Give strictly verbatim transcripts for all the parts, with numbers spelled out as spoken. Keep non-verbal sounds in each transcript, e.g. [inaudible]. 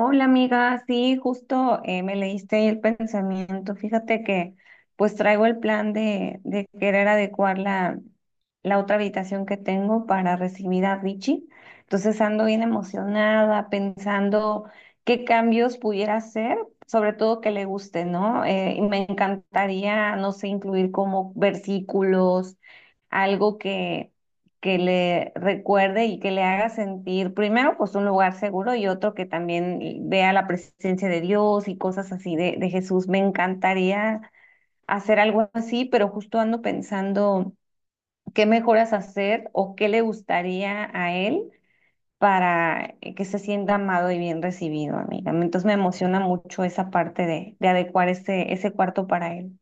Hola amiga, sí, justo eh, me leíste el pensamiento. Fíjate que pues traigo el plan de, de querer adecuar la, la otra habitación que tengo para recibir a Richie. Entonces ando bien emocionada pensando qué cambios pudiera hacer, sobre todo que le guste, ¿no? Eh, y me encantaría, no sé, incluir como versículos algo que, que le recuerde y que le haga sentir, primero, pues un lugar seguro y otro que también vea la presencia de Dios y cosas así de, de Jesús. Me encantaría hacer algo así, pero justo ando pensando qué mejoras hacer o qué le gustaría a él para que se sienta amado y bien recibido, amiga. Entonces me emociona mucho esa parte de, de adecuar ese, ese cuarto para él.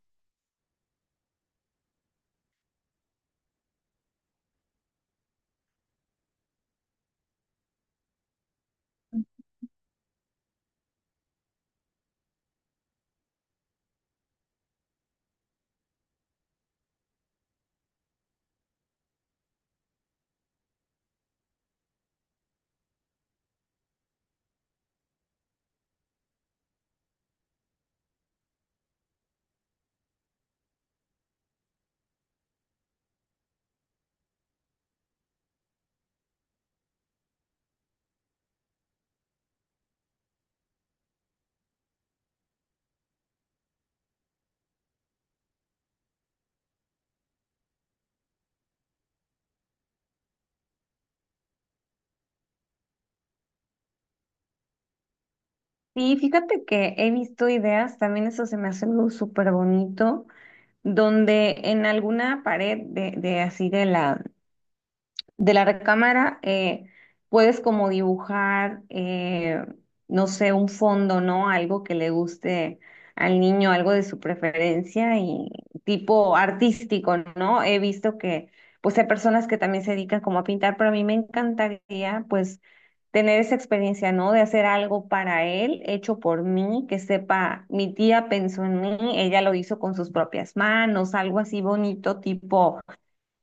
Y fíjate que he visto ideas, también eso se me hace algo súper bonito donde en alguna pared de, de así de la, de la recámara eh, puedes como dibujar, eh, no sé, un fondo, ¿no? Algo que le guste al niño, algo de su preferencia y tipo artístico, ¿no? He visto que pues hay personas que también se dedican como a pintar, pero a mí me encantaría pues tener esa experiencia, ¿no? De hacer algo para él, hecho por mí, que sepa, mi tía pensó en mí, ella lo hizo con sus propias manos, algo así bonito, tipo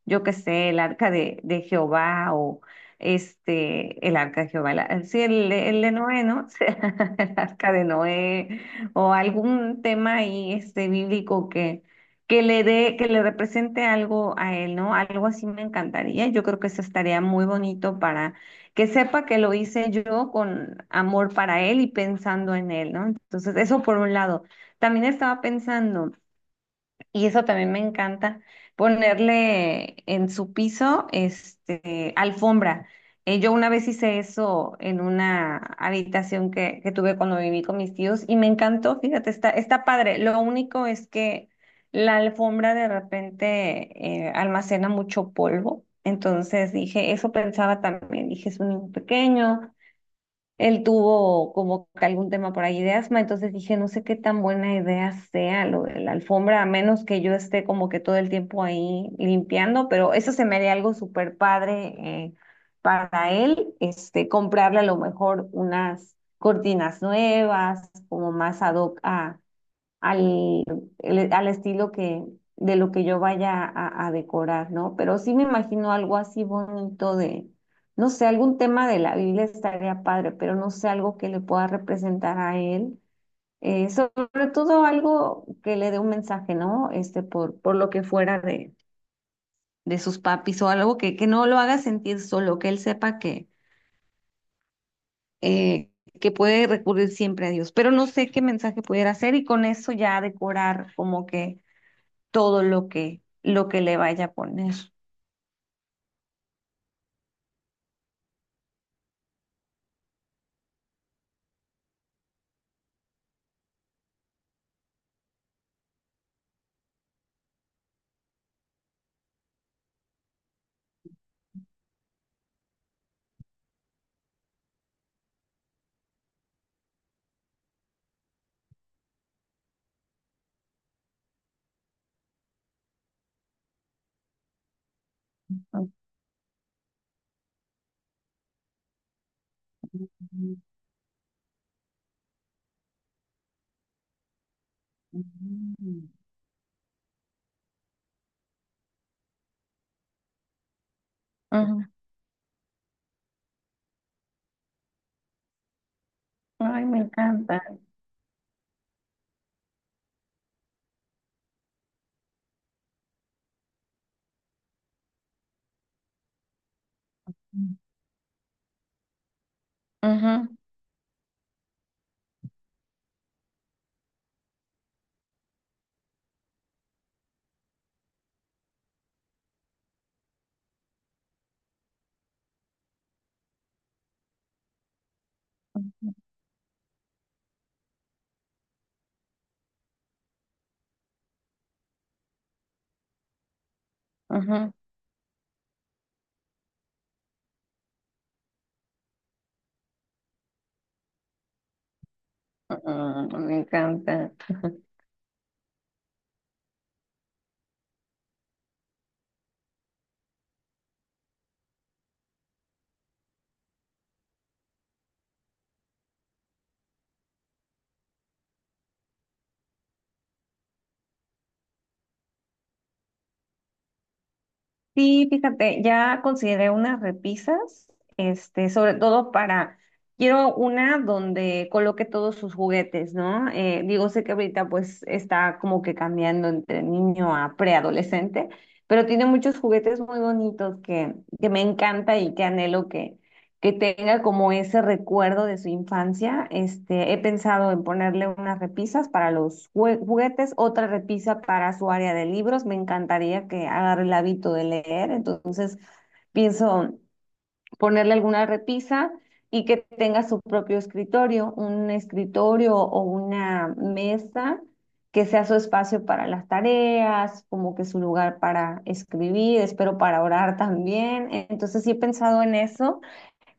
yo qué sé, el arca de, de Jehová o este, el arca de Jehová, la- sí, el, de el de Noé, ¿no? [laughs] O sea, el arca de Noé o algún tema ahí este, bíblico que, que le dé, que le represente algo a él, ¿no? Algo así me encantaría. Yo creo que eso estaría muy bonito para que sepa que lo hice yo con amor para él y pensando en él, ¿no? Entonces, eso por un lado. También estaba pensando. Y eso también me encanta, ponerle en su piso, este, alfombra. Eh, yo una vez hice eso en una habitación que, que tuve cuando viví con mis tíos y me encantó, fíjate, está, está padre. Lo único es que la alfombra de repente eh, almacena mucho polvo. Entonces dije, eso pensaba también, dije, es un niño pequeño, él tuvo como que algún tema por ahí de asma, entonces dije, no sé qué tan buena idea sea lo de la alfombra, a menos que yo esté como que todo el tiempo ahí limpiando, pero eso se me haría algo súper padre eh, para él, este, comprarle a lo mejor unas cortinas nuevas, como más ad hoc a al, el- al estilo que, de lo que yo vaya a, a decorar, ¿no? Pero sí me imagino algo así bonito de, no sé, algún tema de la Biblia estaría padre, pero no sé, algo que le pueda representar a él. Eh, sobre todo algo que le dé un mensaje, ¿no? Este, por, por lo que fuera de, de sus papis o algo que, que no lo haga sentir solo, que él sepa que, eh, que puede recurrir siempre a Dios. Pero no sé qué mensaje pudiera hacer y con eso ya decorar como que todo lo que, lo que le vaya a poner. Ujú. Ujú. Ay, me encanta. Ujú, ujú, ujú. Mm, me encanta. Sí, fíjate, ya consideré unas repisas, este, sobre todo para, quiero una donde coloque todos sus juguetes, ¿no? Eh, digo, sé que ahorita pues está como que cambiando entre niño a preadolescente, pero tiene muchos juguetes muy bonitos que, que me encanta y que anhelo que tenga como ese recuerdo de su infancia. Este, he pensado en ponerle unas repisas para los jue- juguetes, otra repisa para su área de libros. Me encantaría que agarre el hábito de leer, entonces pienso ponerle alguna repisa y que tenga su propio escritorio, un escritorio o una mesa que sea su espacio para las tareas, como que su lugar para escribir, espero para orar también. Entonces sí he pensado en eso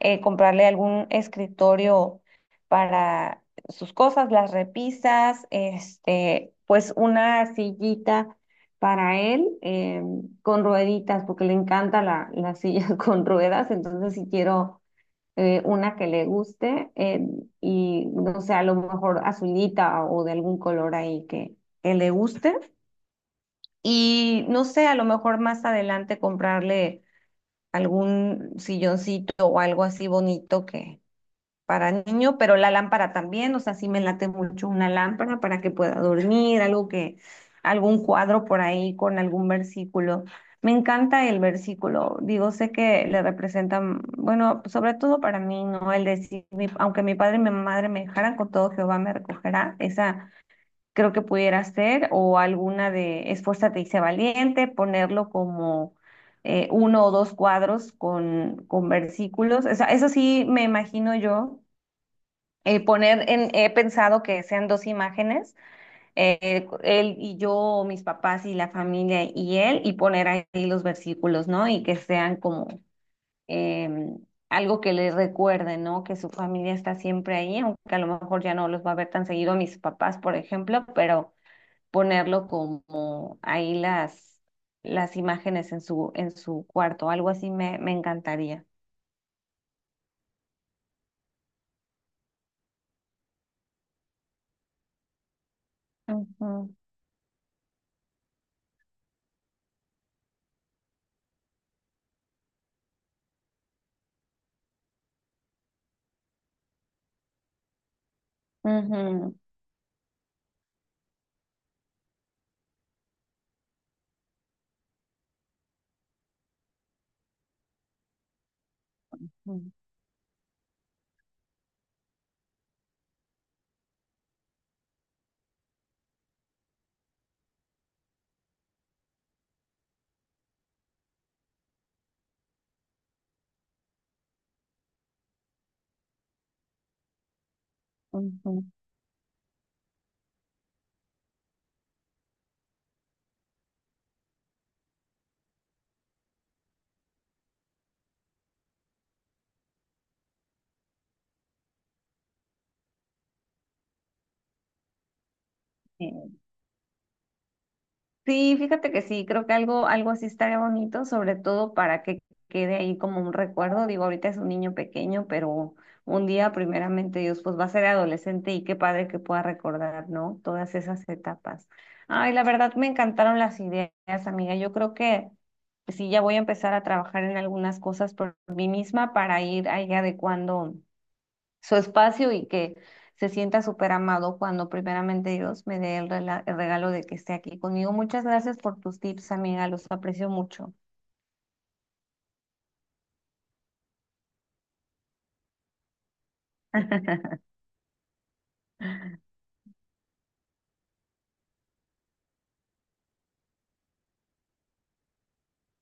eh, comprarle algún escritorio para sus cosas, las repisas, este, pues una sillita para él eh, con rueditas, porque le encanta la, la silla [laughs] con ruedas, entonces si quiero eh, una que le guste eh, y no sé, a lo mejor azulita o de algún color ahí que, que le guste. Y no sé, a lo mejor más adelante comprarle algún silloncito o algo así bonito que, para niño, pero la lámpara también, o sea, sí me late mucho una lámpara para que pueda dormir, algo que, algún cuadro por ahí con algún versículo. Me encanta el versículo, digo, sé que le representan, bueno, sobre todo para mí, ¿no? El decir, mi- aunque mi padre y mi madre me dejaran, con todo Jehová me recogerá, esa creo que pudiera ser, o alguna de esfuérzate y sé valiente, ponerlo como eh, uno o dos cuadros con, con versículos, o sea, eso sí me imagino yo eh, poner en, he pensado que sean dos imágenes, eh, él y yo, o mis papás y la familia y él, y poner ahí los versículos, ¿no? Y que sean como em, algo que les recuerde, ¿no? Que su familia está siempre ahí, aunque a lo mejor ya no los va a ver tan seguido a mis papás, por ejemplo, pero ponerlo como ahí las, las imágenes en su, en su cuarto, algo así me, me encantaría. Ujú, ujú, ujú, ujú. Sí, fíjate que sí, creo que algo, algo así estaría bonito, sobre todo para que quede ahí como un recuerdo. Digo, ahorita es un niño pequeño, pero un día, primeramente Dios, pues va a ser adolescente y qué padre que pueda recordar, ¿no? Todas esas etapas. Ay, la verdad me encantaron las ideas, amiga. Yo creo que sí, ya voy a empezar a trabajar en algunas cosas por mí misma para ir ahí adecuando su espacio y que se sienta súper amado cuando primeramente Dios me dé el, rela- el regalo de que esté aquí conmigo. Muchas gracias por tus tips, amiga, los aprecio mucho. [laughs]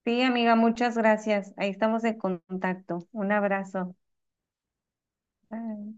Sí, amiga, muchas gracias. Ahí estamos en contacto. Un abrazo. Bye.